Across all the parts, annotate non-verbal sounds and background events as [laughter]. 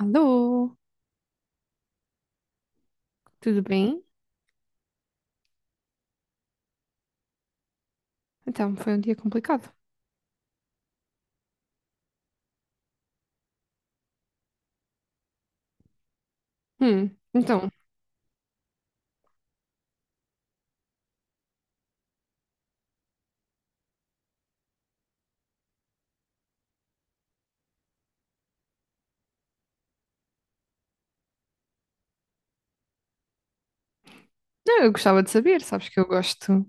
Alô, tudo bem? Então, foi um dia complicado. Então, não, eu gostava de saber, sabes que eu gosto.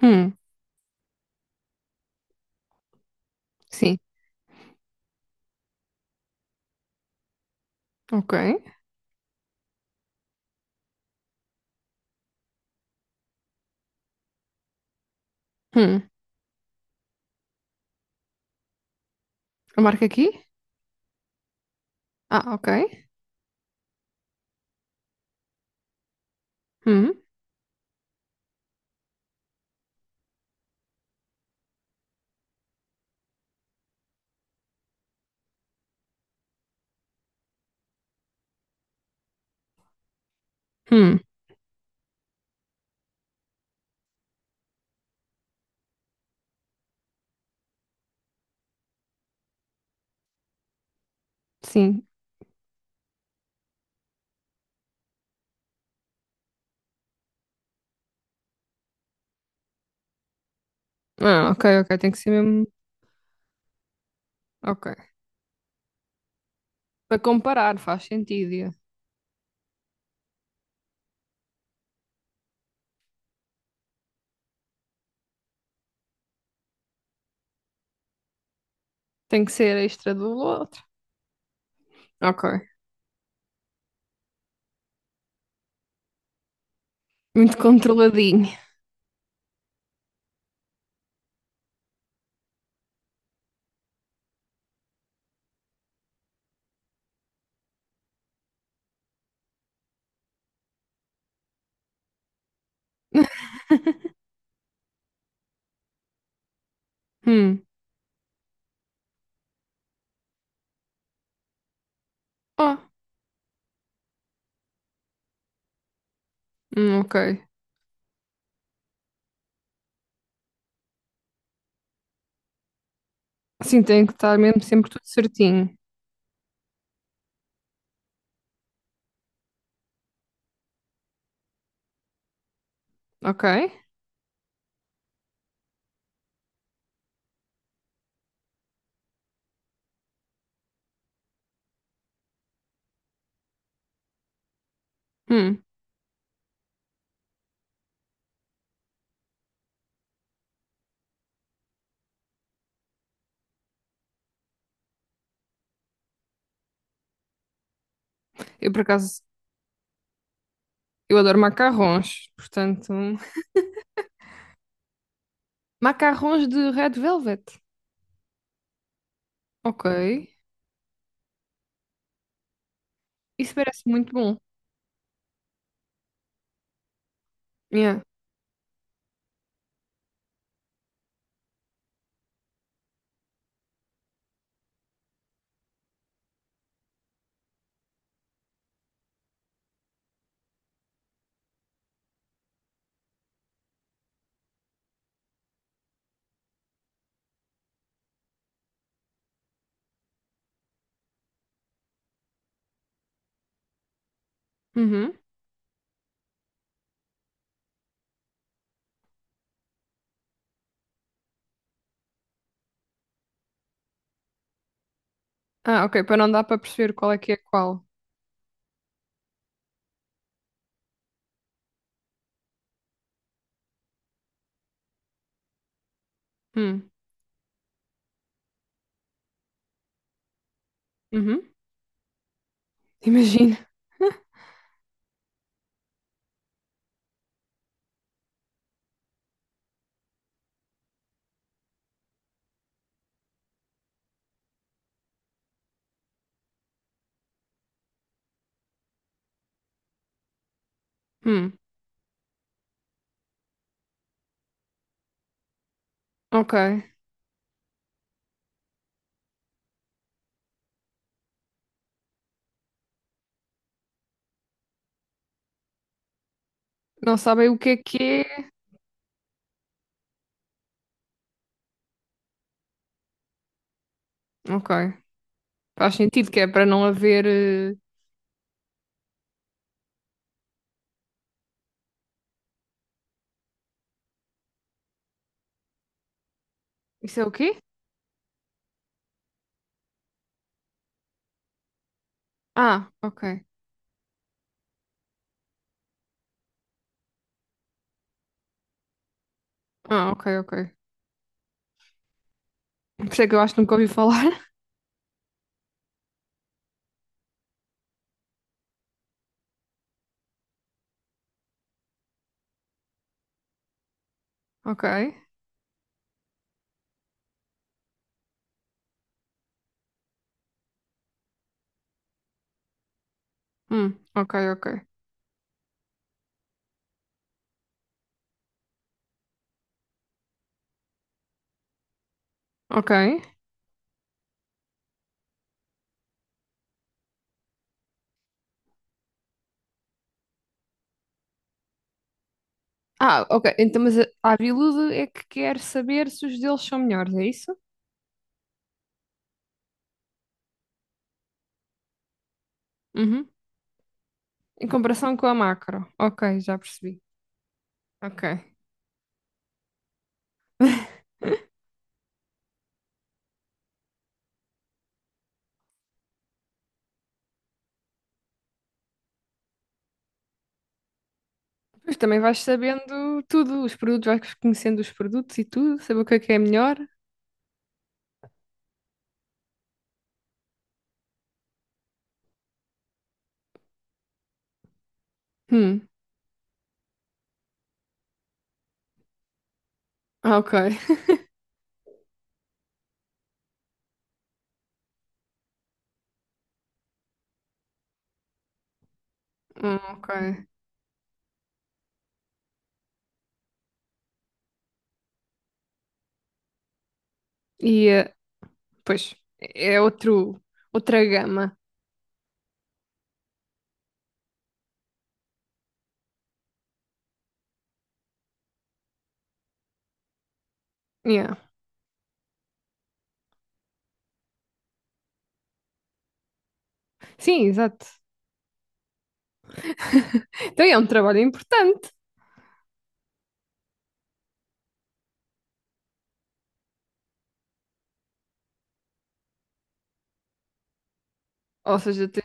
Hum, sim, ok. Hum, eu marco aqui? Ah, ok. Hum, hum, sim. Ah, ok, ok, tem que ser mesmo. Ok. Para comparar, faz sentido. Yeah. Tem que ser extra do outro. Ok. Muito controladinho. [laughs] Hum, oh, ok. Sim, tem que estar mesmo sempre tudo certinho. Ok? Hum, eu por acaso. Eu adoro macarrons, portanto. Macarrons de Red Velvet. Ok. Isso parece muito bom. Yeah. Uhum. Ah, ok. Para não dar para perceber qual é que é qual. Hum. Uhum. Imagina. [laughs] Hum. Ok. Não sabem o que é que é. Ok. Faz sentido que é para não haver. Isso é o quê? Ah, ok. Ah, ok, ok. Por isso é que eu acho que nunca ouvi falar. [laughs] Ok. Hum. Ok, ok. Ok. Ah, ok. Então, mas a Aviludo é que quer saber se os deles são melhores, é isso? Uhum. Em comparação com a macro. Ok, já percebi. Ok. [laughs] Pois também vais sabendo tudo, os produtos, vais conhecendo os produtos e tudo, saber o que é melhor. Hum, ah, ok. Ok. E, pois, é outro, outra gama. Yeah. Sim, exato. [laughs] Então é um trabalho importante. Ou seja, te-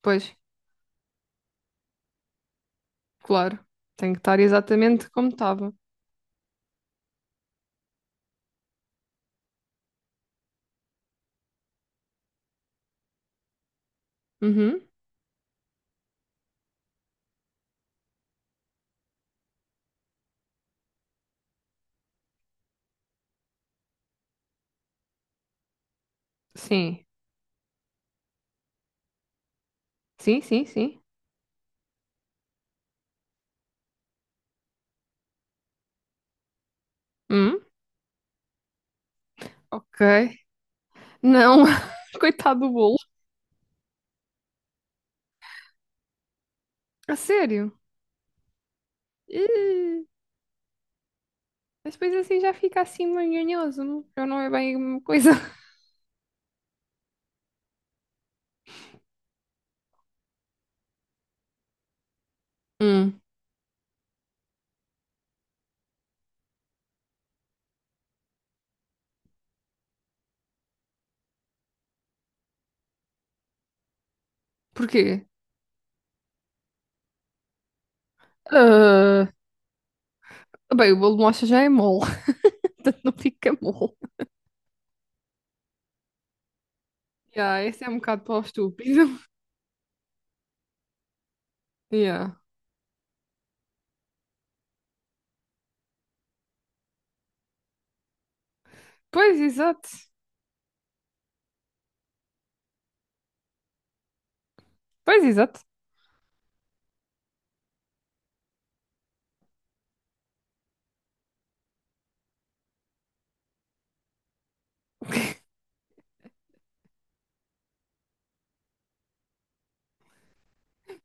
pois, claro, tem que estar exatamente como estava. Uhum, sim. Sim, sim, sim. Hum, ok. Não, [laughs] coitado do bolo. A sério? Ih, mas depois assim já fica assim manhonhoso, não já não é bem uma coisa. [laughs] Hum, porquê? Ah, bem, o bolo de mocha já é mole, [laughs] portanto não fica mole. Yeah, esse é um bocado para o estúpido. [laughs] Yeah. Pois, exato. Pois, exato.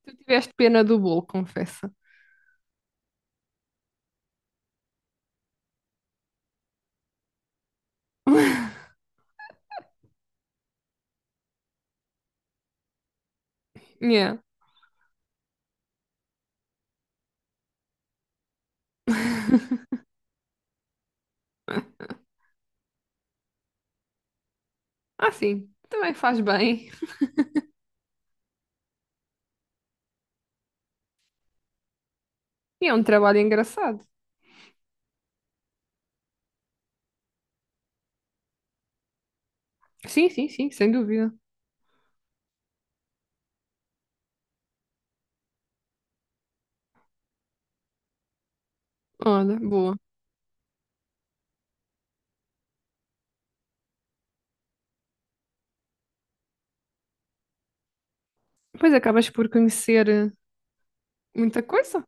Tu tiveste pena do bolo, confessa. Yeah. [laughs] Ah, sim. Também faz bem. E é um trabalho engraçado. Sim, sim, sim, sem dúvida. Olha, boa. Depois acabas por conhecer muita coisa.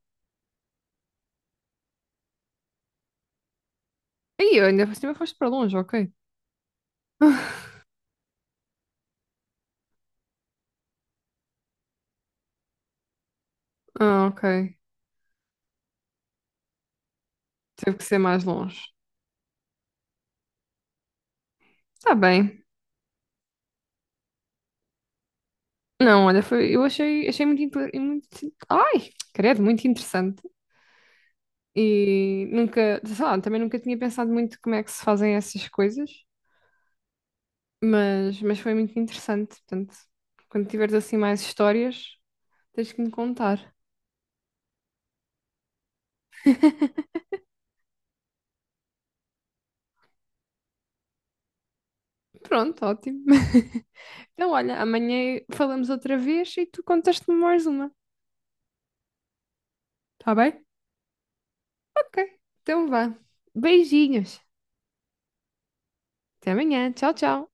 Aí, ainda por cima foste para longe, ok. [laughs] Ah, ok. Teve que ser mais longe. Tá bem. Não, olha, foi, eu achei, achei muito, inte- e muito. Ai, credo, muito interessante. E nunca, sei lá, também nunca tinha pensado muito como é que se fazem essas coisas, mas foi muito interessante. Portanto, quando tiveres assim mais histórias, tens que me contar. Pronto, ótimo. [laughs] Então, olha, amanhã falamos outra vez e tu contas-me mais uma, tá bem? Ok, então vá. Beijinhos. Até amanhã. Tchau, tchau.